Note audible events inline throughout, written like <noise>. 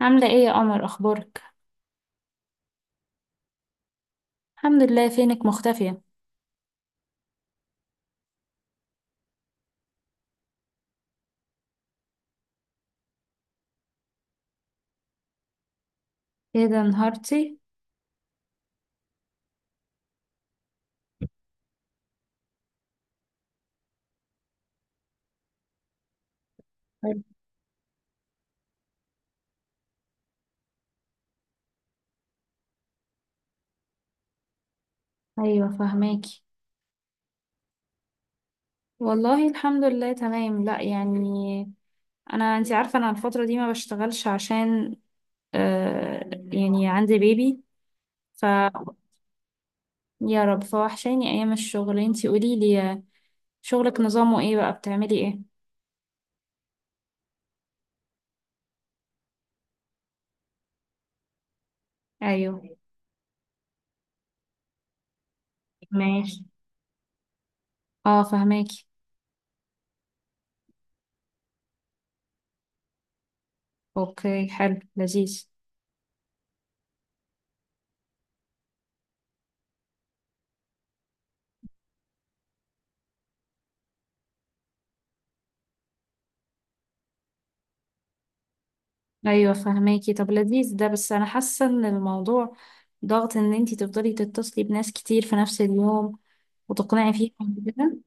عاملة ايه يا قمر؟ اخبارك؟ الحمد لله. فينك مختفية؟ ايه ده انهارتي؟ حلو. ايوه فهماكي. والله الحمد لله تمام. لا يعني انا، انتي عارفة انا الفترة دي ما بشتغلش عشان يعني عندي بيبي. ف، يا رب. فوحشاني ايام الشغل. انتي قوليلي، شغلك نظامه ايه بقى؟ بتعملي ايه؟ ايوه. ماشي. اه فهماكي. اوكي حلو، لذيذ. ايوه فهماكي. طب لذيذ ده، بس انا حاسه ان الموضوع ضغط، ان انتي تفضلي تتصلي بناس كتير في نفس اليوم وتقنعي فيهم كده.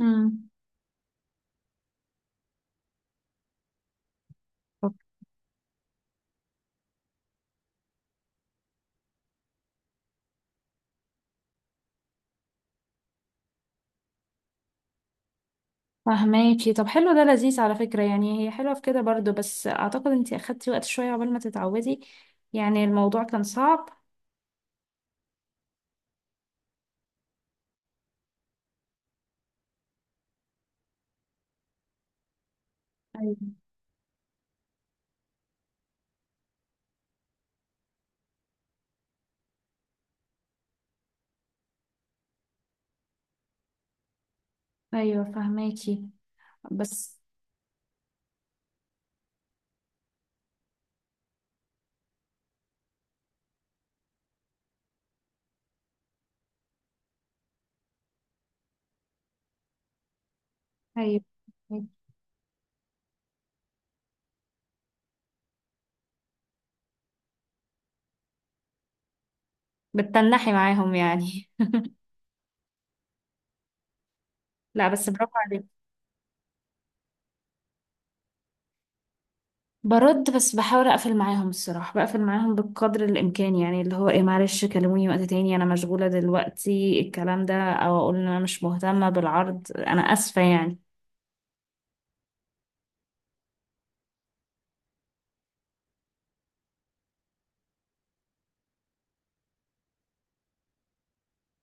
امم فهماكي. طب حلو، ده لذيذ على فكره. يعني هي حلوه في كده برضو، بس اعتقد انتي اخدتي وقت شويه عقبال ما تتعودي، يعني الموضوع كان صعب. ايوه. ايوه فهماكي. بس ايوه، بتتنحي معاهم يعني؟ <laughs> لا، بس برافو عليكي. برد، بس بحاول اقفل معاهم الصراحه، بقفل معاهم بقدر الامكان، يعني اللي هو ايه، معلش كلموني وقت تاني انا مشغوله دلوقتي الكلام ده، او اقول ان انا مش مهتمه بالعرض انا اسفه يعني.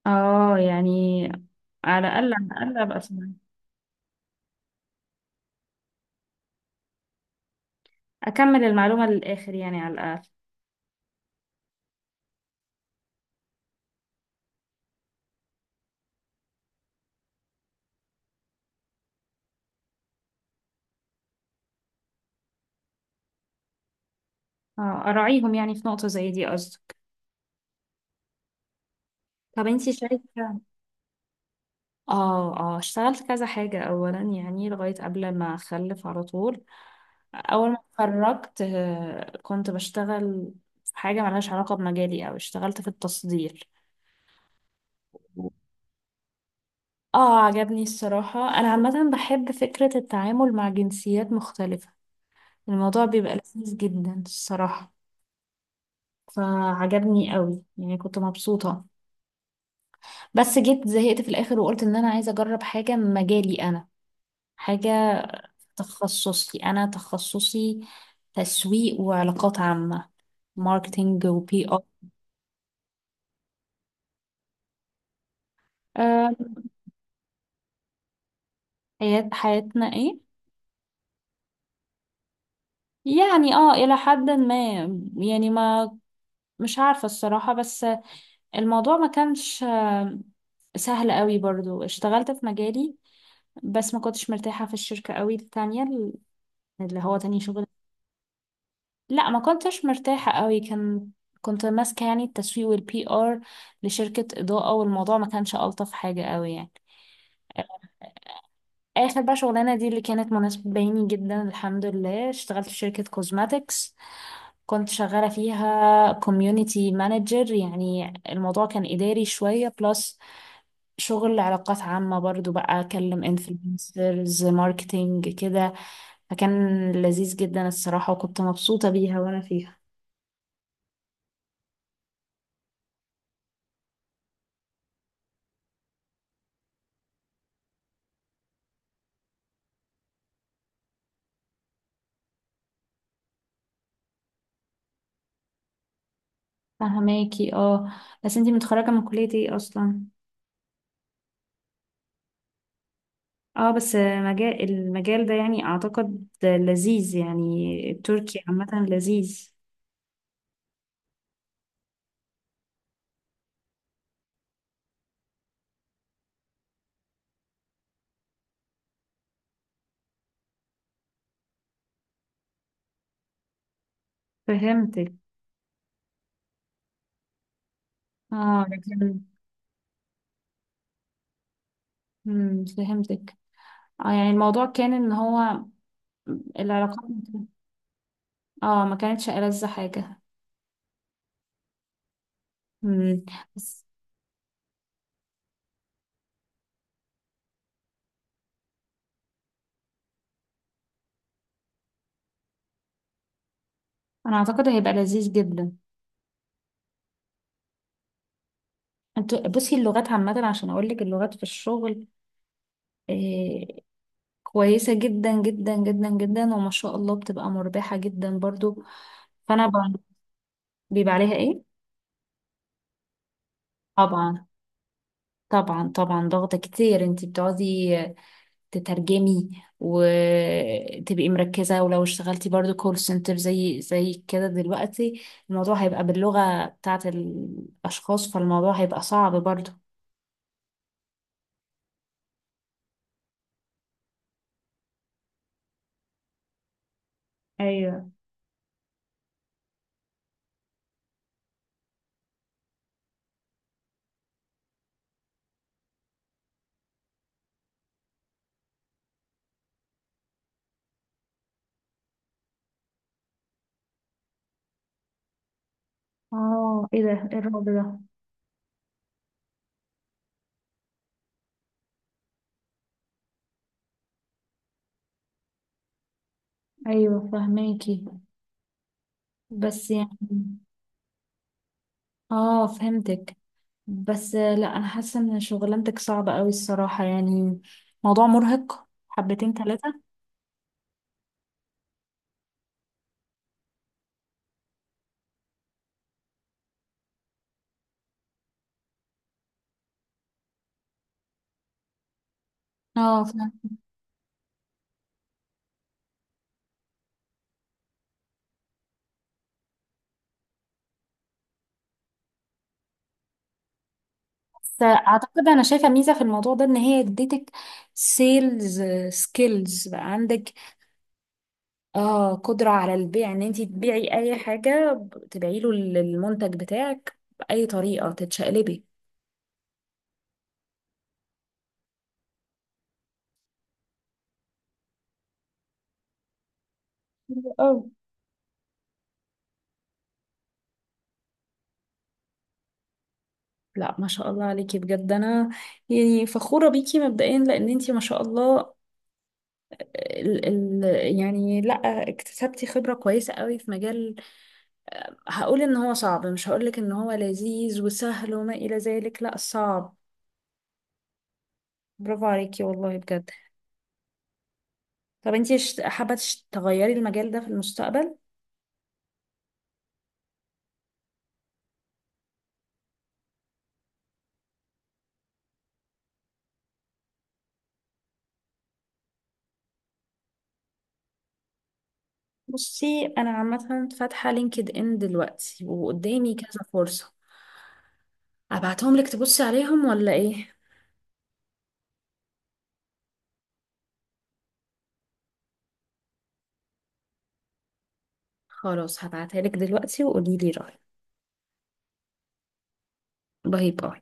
اه يعني، على الاقل، على الاقل ابقى اسمع، اكمل المعلومه للاخر يعني، على الاقل. اه اراعيهم يعني في نقطه زي دي، قصدك؟ طب انتي شايفه. اه، اه اشتغلت كذا حاجة. اولا يعني لغاية قبل ما اخلف على طول، اول ما اتخرجت كنت بشتغل في حاجة ملهاش علاقة بمجالي، او اشتغلت في التصدير. اه عجبني الصراحة، انا عامة بحب فكرة التعامل مع جنسيات مختلفة، الموضوع بيبقى لذيذ جدا الصراحة. فعجبني قوي، يعني كنت مبسوطة. بس جيت زهقت في الاخر وقلت ان انا عايزة اجرب حاجة من مجالي انا، حاجة تخصصي، انا تخصصي تسويق وعلاقات عامة، ماركتينج وبي ار. أه. حيات، حياتنا ايه؟ يعني اه الى حد ما. يعني ما مش عارفة الصراحة، بس الموضوع ما كانش سهل قوي. برضو اشتغلت في مجالي بس ما كنتش مرتاحة في الشركة قوي، التانية اللي هو تاني شغل. لا ما كنتش مرتاحة قوي. كان، كنت ماسكة يعني التسويق والبي ار لشركة إضاءة، والموضوع ما كانش ألطف حاجة قوي يعني. اخر بقى شغلانه دي اللي كانت مناسبه بيني جدا، الحمد لله، اشتغلت في شركه كوزماتكس، كنت شغاله فيها كوميونتي مانجر. يعني الموضوع كان اداري شويه بلس شغل علاقات عامه برضو، بقى اكلم انفلونسرز، ماركتينج كده. فكان لذيذ جدا الصراحه، وكنت مبسوطه بيها وانا فيها. فهماكي. اه بس انتي متخرجه من كليه ايه اصلا؟ اه، بس مجال المجال ده يعني اعتقد لذيذ، يعني تركي عامه لذيذ. فهمتك. اه لكن. فهمتك. اه يعني الموضوع كان ان هو العلاقات ما كان- اه ما كانتش ألذ حاجة. مم. بس انا اعتقد هيبقى لذيذ جدا. انتوا بصي، اللغات عامة، عشان اقول لك اللغات في الشغل آه كويسة جدا جدا جدا جدا، وما شاء الله بتبقى مربحة جدا برضو. فانا ب- بيبقى عليها ايه؟ طبعا. طبعا طبعا، ضغط كتير. انتي بتقعدي تترجمي وتبقي مركزة، ولو اشتغلتي برضو كول سنتر زي كده، دلوقتي الموضوع هيبقى باللغة بتاعت الأشخاص، فالموضوع هيبقى صعب برضو. ايوه. اه ايه ده؟ إيه الرعب ده؟ ايوه فهماكي. بس يعني، اه فهمتك. بس لا انا حاسه ان شغلانتك صعبه قوي الصراحه يعني، موضوع مرهق حبتين ثلاثه. اه بس اعتقد انا شايفه ميزه في الموضوع ده، ان هي اديتك سيلز، سكيلز بقى عندك. اه قدره على البيع، ان انت تبيعي اي حاجه، تبيعي له المنتج بتاعك باي طريقه تتشقلبي. أوي. لا، ما شاء الله عليكي بجد. انا يعني فخوره بيكي مبدئيا، لان انت ما شاء الله آه، ال ال يعني لا، اكتسبتي خبره كويسه قوي في مجال هقول ان هو صعب، مش هقول لك ان هو لذيذ وسهل وما الى ذلك، لا صعب. برافو عليكي والله بجد. طب انتي حابة تغيري المجال ده في المستقبل؟ بصي انا عامة فاتحة لينكد ان دلوقتي وقدامي كذا فرصة، ابعتهم لك تبصي عليهم ولا ايه؟ خلاص هبعتها لك دلوقتي وقولي لي رأيك. باي باي.